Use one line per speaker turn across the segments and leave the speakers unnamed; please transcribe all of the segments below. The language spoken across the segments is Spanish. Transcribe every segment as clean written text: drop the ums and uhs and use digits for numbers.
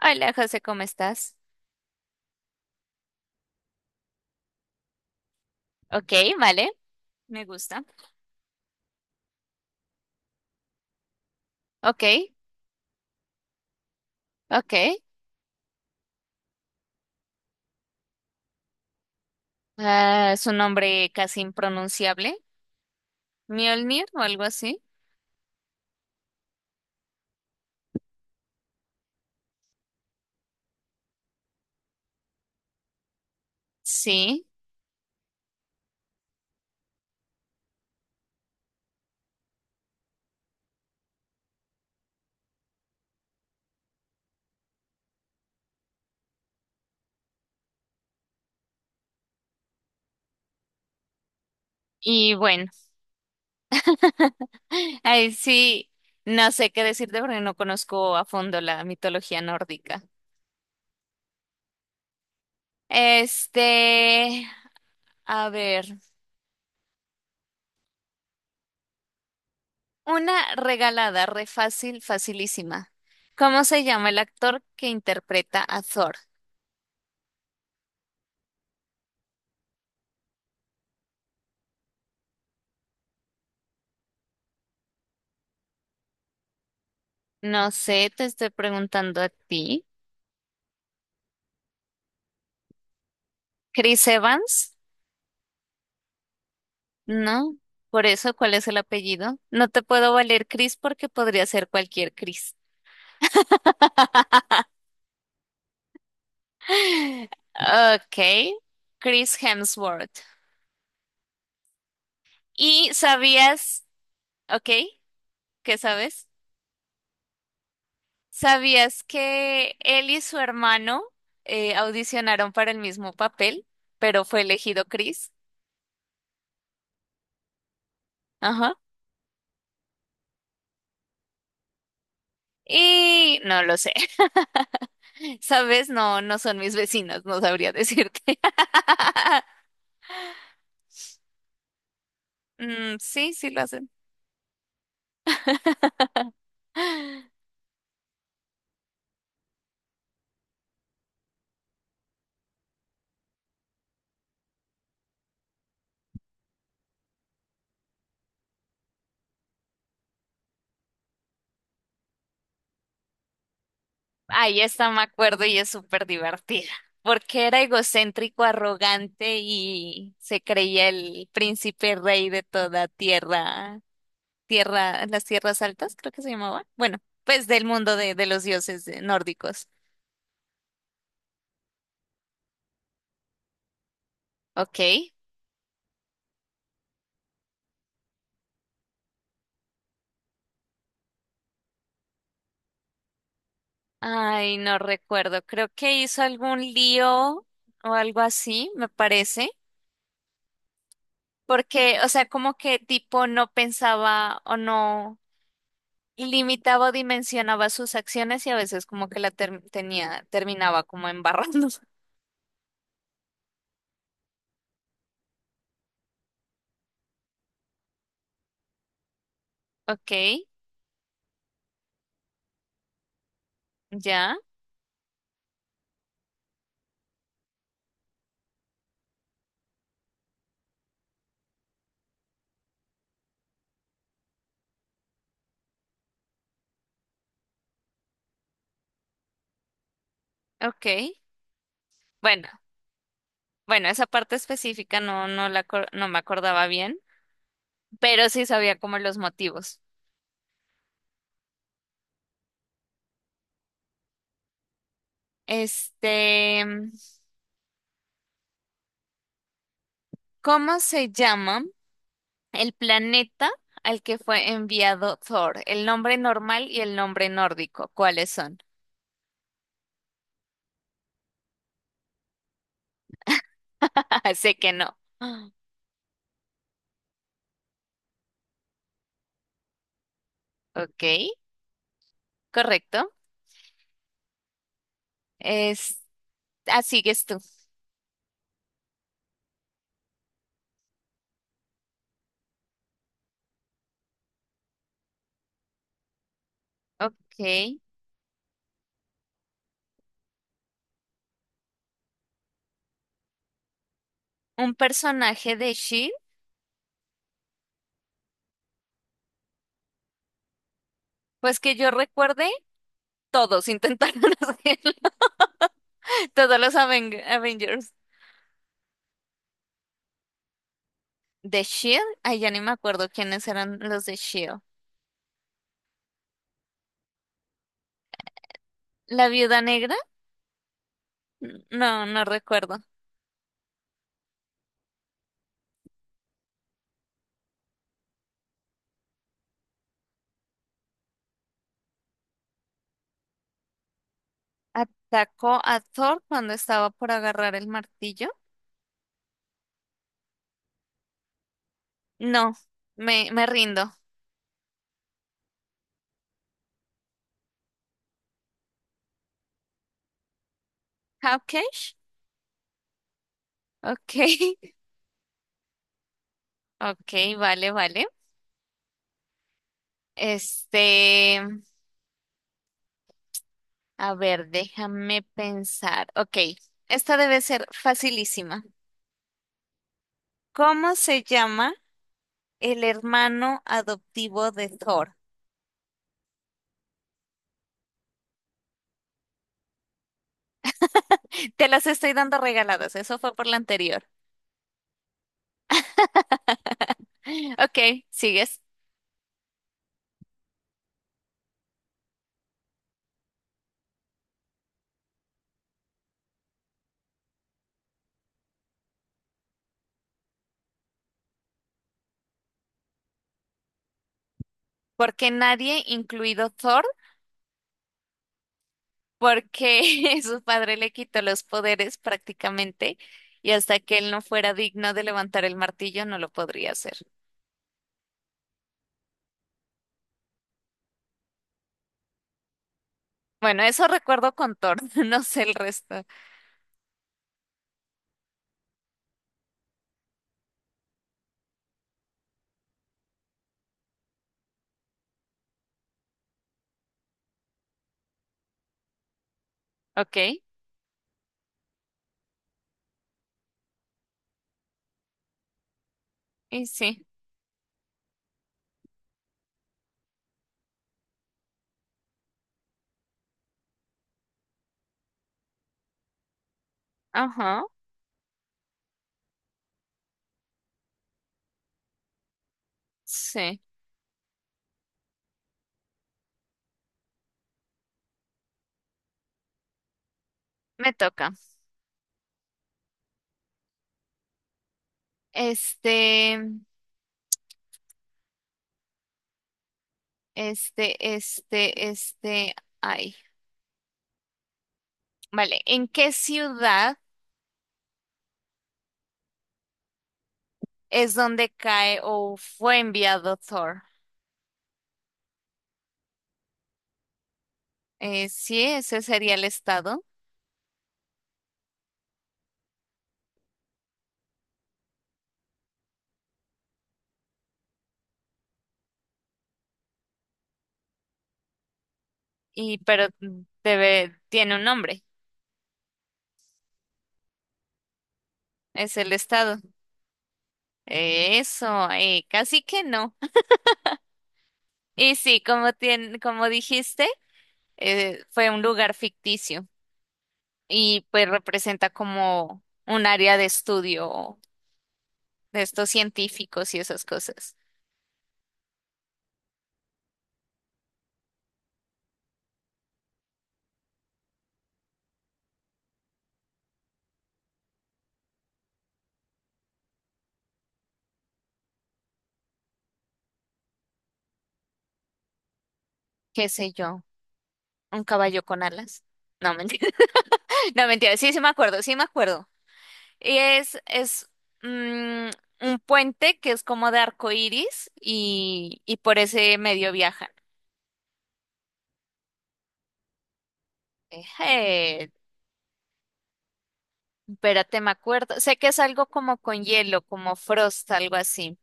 Hola, José, ¿cómo estás? Ok, vale, me gusta. Ok, ok. Ah, es un nombre casi impronunciable. Mjolnir o algo así. Sí, y bueno, ahí sí, no sé qué decirte porque no conozco a fondo la mitología nórdica. Este, a ver, una regalada, re fácil, facilísima. ¿Cómo se llama el actor que interpreta a Thor? No sé, te estoy preguntando a ti. Chris Evans, ¿no? Por eso, ¿cuál es el apellido? No te puedo valer Chris porque podría ser cualquier Chris. Ok, Chris Hemsworth. ¿Y sabías, ok, qué sabes? ¿Sabías que él y su hermano audicionaron para el mismo papel, pero fue elegido Chris? Ajá. Y no lo sé. ¿Sabes? No, no son mis vecinos, no sabría decirte. Mm, sí, sí lo hacen. Ahí está, me acuerdo, y es súper divertida, porque era egocéntrico, arrogante y se creía el príncipe rey de toda tierra, tierra, las tierras altas, creo que se llamaba. Bueno, pues del mundo de los dioses nórdicos. Ok. Ay, no recuerdo, creo que hizo algún lío o algo así, me parece, porque, o sea, como que tipo no pensaba o no. Limitaba o dimensionaba sus acciones y a veces como que la tenía, terminaba como embarrando. Ok, ya, ok. Bueno, bueno, esa parte específica no, no la, no me acordaba bien, pero sí sabía como los motivos. Este, ¿cómo se llama el planeta al que fue enviado Thor? El nombre normal y el nombre nórdico, ¿cuáles son? Sé que no. Ok, correcto. Es, así que tú. Ok. Un personaje de Shield. Pues que yo recuerde, todos intentaron hacerlo. Todos los Avengers. ¿De Shield? Ay, ya ni me acuerdo quiénes eran los de Shield. ¿La Viuda Negra? No, no recuerdo. ¿Atacó a Thor cuando estaba por agarrar el martillo? No, me rindo. ¿Hawkeye? Ok. Ok, vale, vale. Este, a ver, déjame pensar. Ok, esta debe ser facilísima. ¿Cómo se llama el hermano adoptivo de Thor? Te las estoy dando regaladas, eso fue por la anterior. Ok, sigues. Porque nadie, incluido Thor, porque su padre le quitó los poderes prácticamente y hasta que él no fuera digno de levantar el martillo no lo podría hacer. Bueno, eso recuerdo con Thor, no sé el resto. Ok, y sí, ajá, sí, me toca. Este. Este, este, este, ay. Vale, ¿en qué ciudad es donde cae o fue enviado Thor? Sí, ese sería el estado, y pero debe, tiene un nombre, es el estado. Eso, casi que no. Y sí, como como dijiste, fue un lugar ficticio y pues representa como un área de estudio de estos científicos y esas cosas. ¿Qué sé yo? Un caballo con alas. No, mentira. No, mentira. Sí, sí me acuerdo, sí me acuerdo. Y es mm, un puente que es como de arco iris y por ese medio viajan. Eh, espérate, me acuerdo. Sé que es algo como con hielo, como frost, algo así.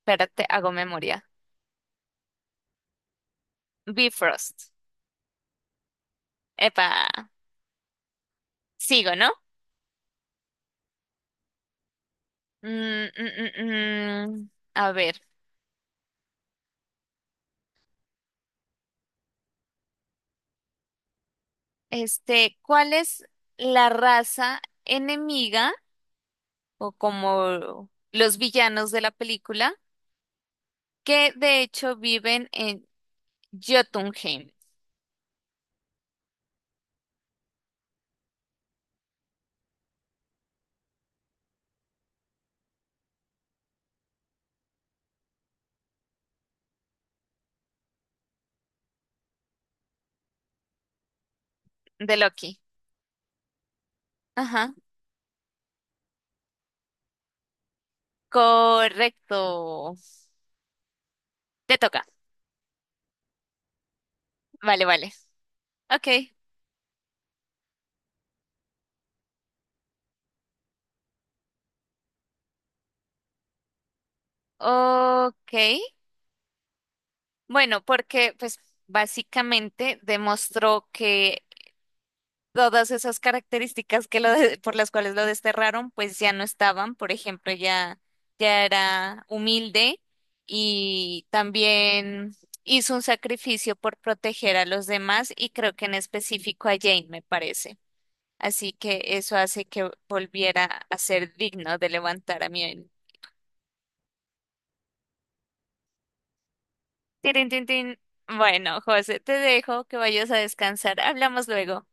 Espérate, hago memoria. Bifrost. Epa, sigo, ¿no? Mm, mm, mm. A ver, este, ¿cuál es la raza enemiga? O como los villanos de la película, que de hecho viven en Jotunheim, de Loki. Ajá, correcto. Te toca. Vale, vale. Ok, ok. Bueno, porque pues básicamente demostró que todas esas características que por las cuales lo desterraron, pues ya no estaban. Por ejemplo, ya, ya era humilde y también hizo un sacrificio por proteger a los demás y creo que en específico a Jane, me parece. Así que eso hace que volviera a ser digno de levantar a Mjolnir. Tirin, tin, tin. Bueno, José, te dejo que vayas a descansar. Hablamos luego.